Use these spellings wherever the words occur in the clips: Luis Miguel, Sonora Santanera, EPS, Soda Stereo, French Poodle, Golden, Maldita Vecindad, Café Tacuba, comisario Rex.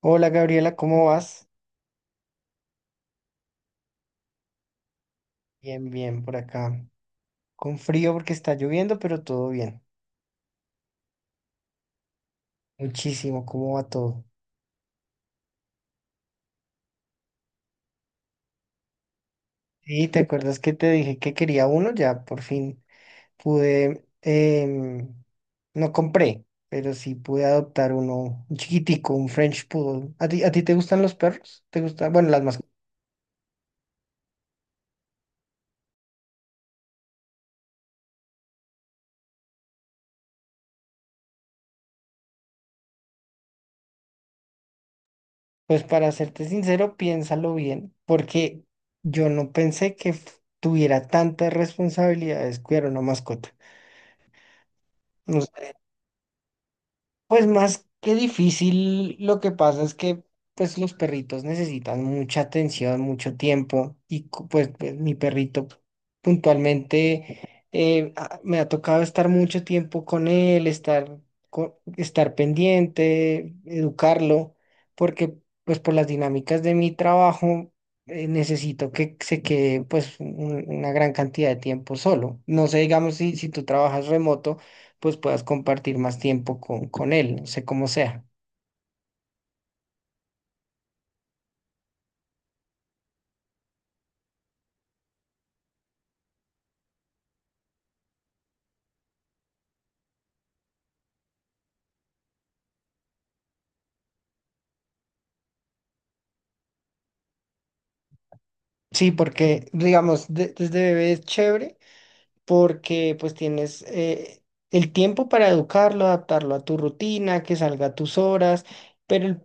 Hola Gabriela, ¿cómo vas? Bien, bien, por acá. Con frío porque está lloviendo, pero todo bien. Muchísimo, ¿cómo va todo? Sí, ¿te acuerdas que te dije que quería uno? Ya por fin pude, no compré, pero sí pude adoptar uno, un chiquitico, un French Poodle. ¿A ti te gustan los perros? ¿Te gustan? Bueno, las mascotas. Pues para serte sincero, piénsalo bien, porque yo no pensé que tuviera tantas responsabilidades cuidar una mascota. Pues más que difícil, lo que pasa es que pues los perritos necesitan mucha atención, mucho tiempo y pues mi perrito puntualmente me ha tocado estar mucho tiempo con él, estar, estar pendiente, educarlo, porque pues por las dinámicas de mi trabajo necesito que se quede pues una gran cantidad de tiempo solo. No sé, digamos, si tú trabajas remoto pues puedas compartir más tiempo con él, no sé cómo sea. Sí, porque digamos, desde bebé es chévere porque pues tienes el tiempo para educarlo, adaptarlo a tu rutina, que salga a tus horas, pero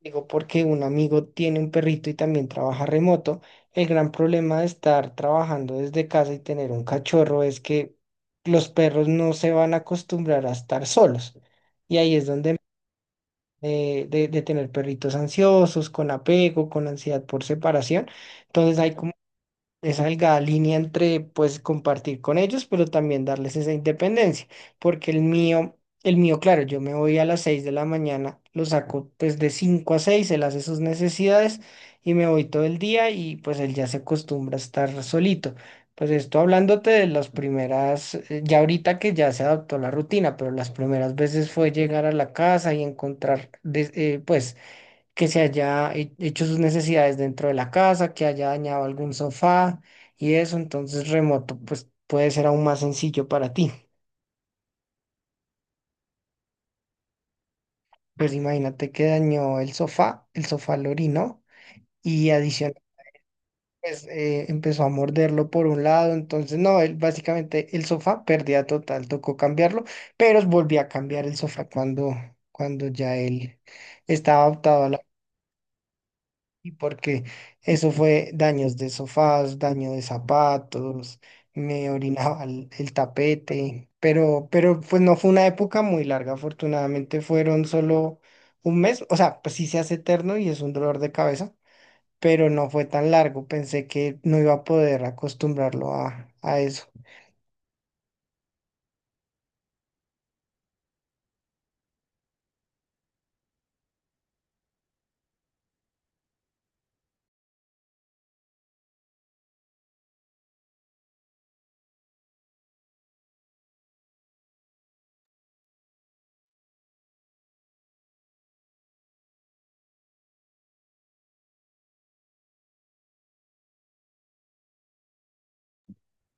digo, porque un amigo tiene un perrito y también trabaja remoto, el gran problema de estar trabajando desde casa y tener un cachorro es que los perros no se van a acostumbrar a estar solos. Y ahí es donde de tener perritos ansiosos, con apego, con ansiedad por separación. Entonces hay como esa delgada línea entre pues compartir con ellos, pero también darles esa independencia, porque el mío, claro, yo me voy a las 6 de la mañana, lo saco pues de 5 a 6 él hace sus necesidades y me voy todo el día y pues él ya se acostumbra a estar solito. Pues esto hablándote de las primeras, ya ahorita que ya se adaptó la rutina, pero las primeras veces fue llegar a la casa y encontrar, pues que se haya hecho sus necesidades dentro de la casa, que haya dañado algún sofá y eso, entonces remoto, pues puede ser aún más sencillo para ti. Pues imagínate que dañó el sofá lo orinó y adicional, pues empezó a morderlo por un lado, entonces no, él, básicamente el sofá perdía total, tocó cambiarlo, pero volví a cambiar el sofá cuando, cuando ya él estaba adaptado. Y porque eso fue daños de sofás, daño de zapatos, me orinaba el tapete, pero pues no fue una época muy larga, afortunadamente fueron solo un mes, o sea, pues sí se hace eterno y es un dolor de cabeza, pero no fue tan largo, pensé que no iba a poder acostumbrarlo a eso.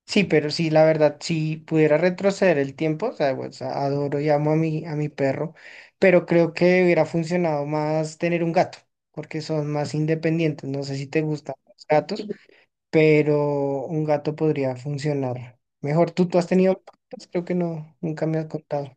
Sí, pero sí, la verdad, si pudiera retroceder el tiempo, o sea, pues, adoro y amo a mi perro, pero creo que hubiera funcionado más tener un gato, porque son más independientes. No sé si te gustan los gatos, pero un gato podría funcionar mejor. ¿Tú has tenido gatos? Creo que no, nunca me has contado.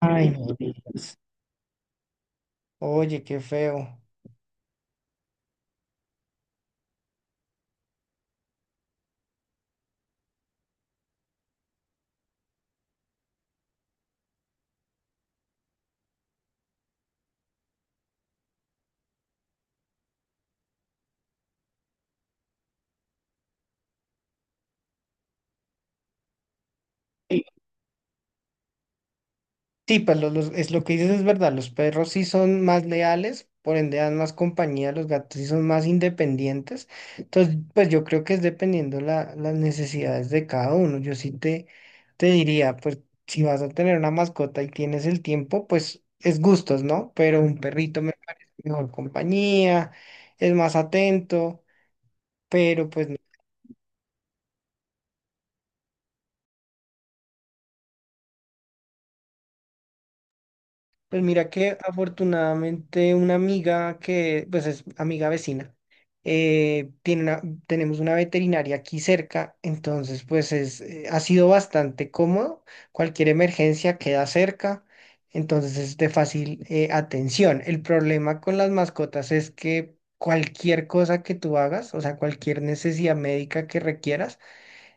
Ay, no digas. Oye, qué feo. Sí, pues es lo que dices es verdad, los perros sí son más leales, por ende dan más compañía, los gatos sí son más independientes. Entonces, pues yo creo que es dependiendo la, las necesidades de cada uno. Yo sí te diría, pues si vas a tener una mascota y tienes el tiempo, pues es gustos, ¿no? Pero un perrito me parece mejor compañía, es más atento, pero pues pues mira que afortunadamente una amiga que, pues es amiga vecina, tiene una, tenemos una veterinaria aquí cerca, entonces pues es, ha sido bastante cómodo, cualquier emergencia queda cerca, entonces es de fácil atención. El problema con las mascotas es que cualquier cosa que tú hagas, o sea, cualquier necesidad médica que requieras,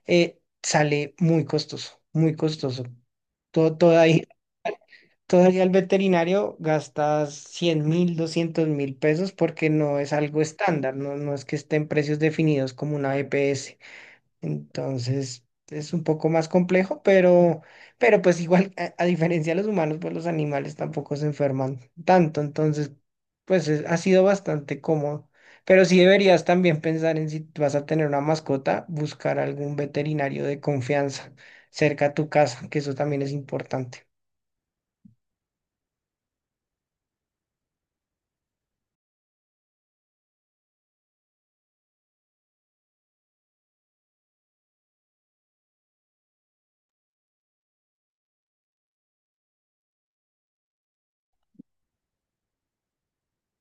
sale muy costoso, muy costoso. Todo, todo ahí todavía al veterinario gastas 100.000, 200.000 pesos porque no es algo estándar, no, no es que estén precios definidos como una EPS. Entonces es un poco más complejo, pero pues igual, a diferencia de los humanos, pues los animales tampoco se enferman tanto. Entonces, pues ha sido bastante cómodo. Pero sí deberías también pensar en si vas a tener una mascota, buscar algún veterinario de confianza cerca a tu casa, que eso también es importante.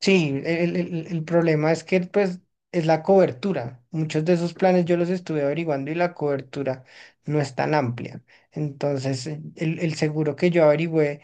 Sí, el problema es que pues es la cobertura. Muchos de esos planes yo los estuve averiguando y la cobertura no es tan amplia. Entonces, el seguro que yo averigüé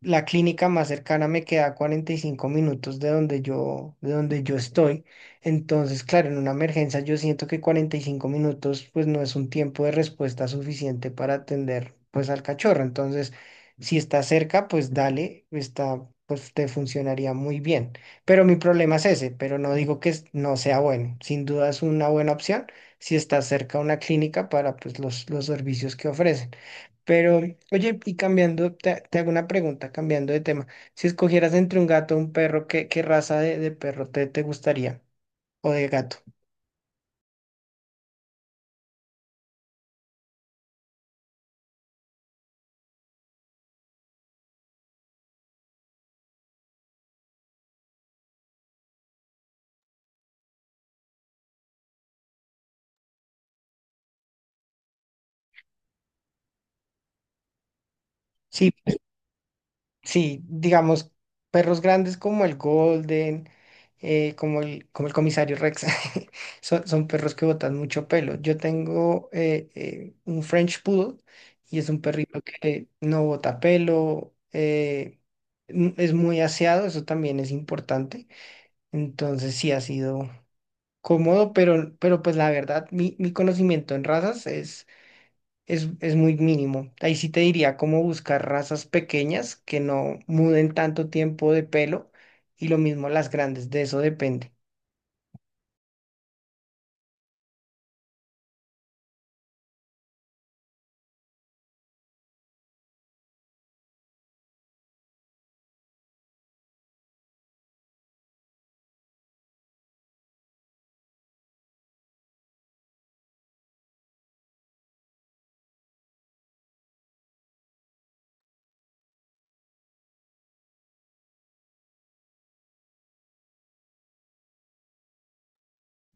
la clínica más cercana me queda a 45 minutos de donde yo estoy. Entonces, claro, en una emergencia yo siento que 45 minutos pues no es un tiempo de respuesta suficiente para atender pues al cachorro. Entonces, si está cerca, pues dale, está, pues te funcionaría muy bien. Pero mi problema es ese, pero no digo que no sea bueno. Sin duda es una buena opción si está cerca una clínica para pues los servicios que ofrece. Pero, oye, y cambiando, te hago una pregunta, cambiando de tema. Si escogieras entre un gato o un perro, ¿qué raza de perro te gustaría? O de gato. Sí, pues, sí, digamos, perros grandes como el Golden, como el comisario Rex, son, son perros que botan mucho pelo. Yo tengo un French Poodle y es un perrito que no bota pelo, es muy aseado, eso también es importante. Entonces sí ha sido cómodo, pero pues la verdad, mi conocimiento en razas es muy mínimo. Ahí sí te diría cómo buscar razas pequeñas que no muden tanto tiempo de pelo y lo mismo las grandes, de eso depende.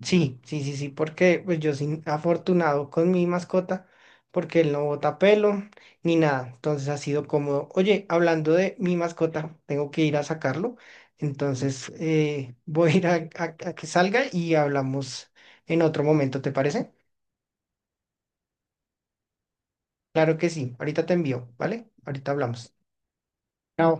Sí, porque pues yo soy afortunado con mi mascota, porque él no bota pelo ni nada, entonces ha sido cómodo. Oye, hablando de mi mascota, tengo que ir a sacarlo, entonces voy a ir a, a que salga y hablamos en otro momento, ¿te parece? Claro que sí, ahorita te envío, ¿vale? Ahorita hablamos. Chao.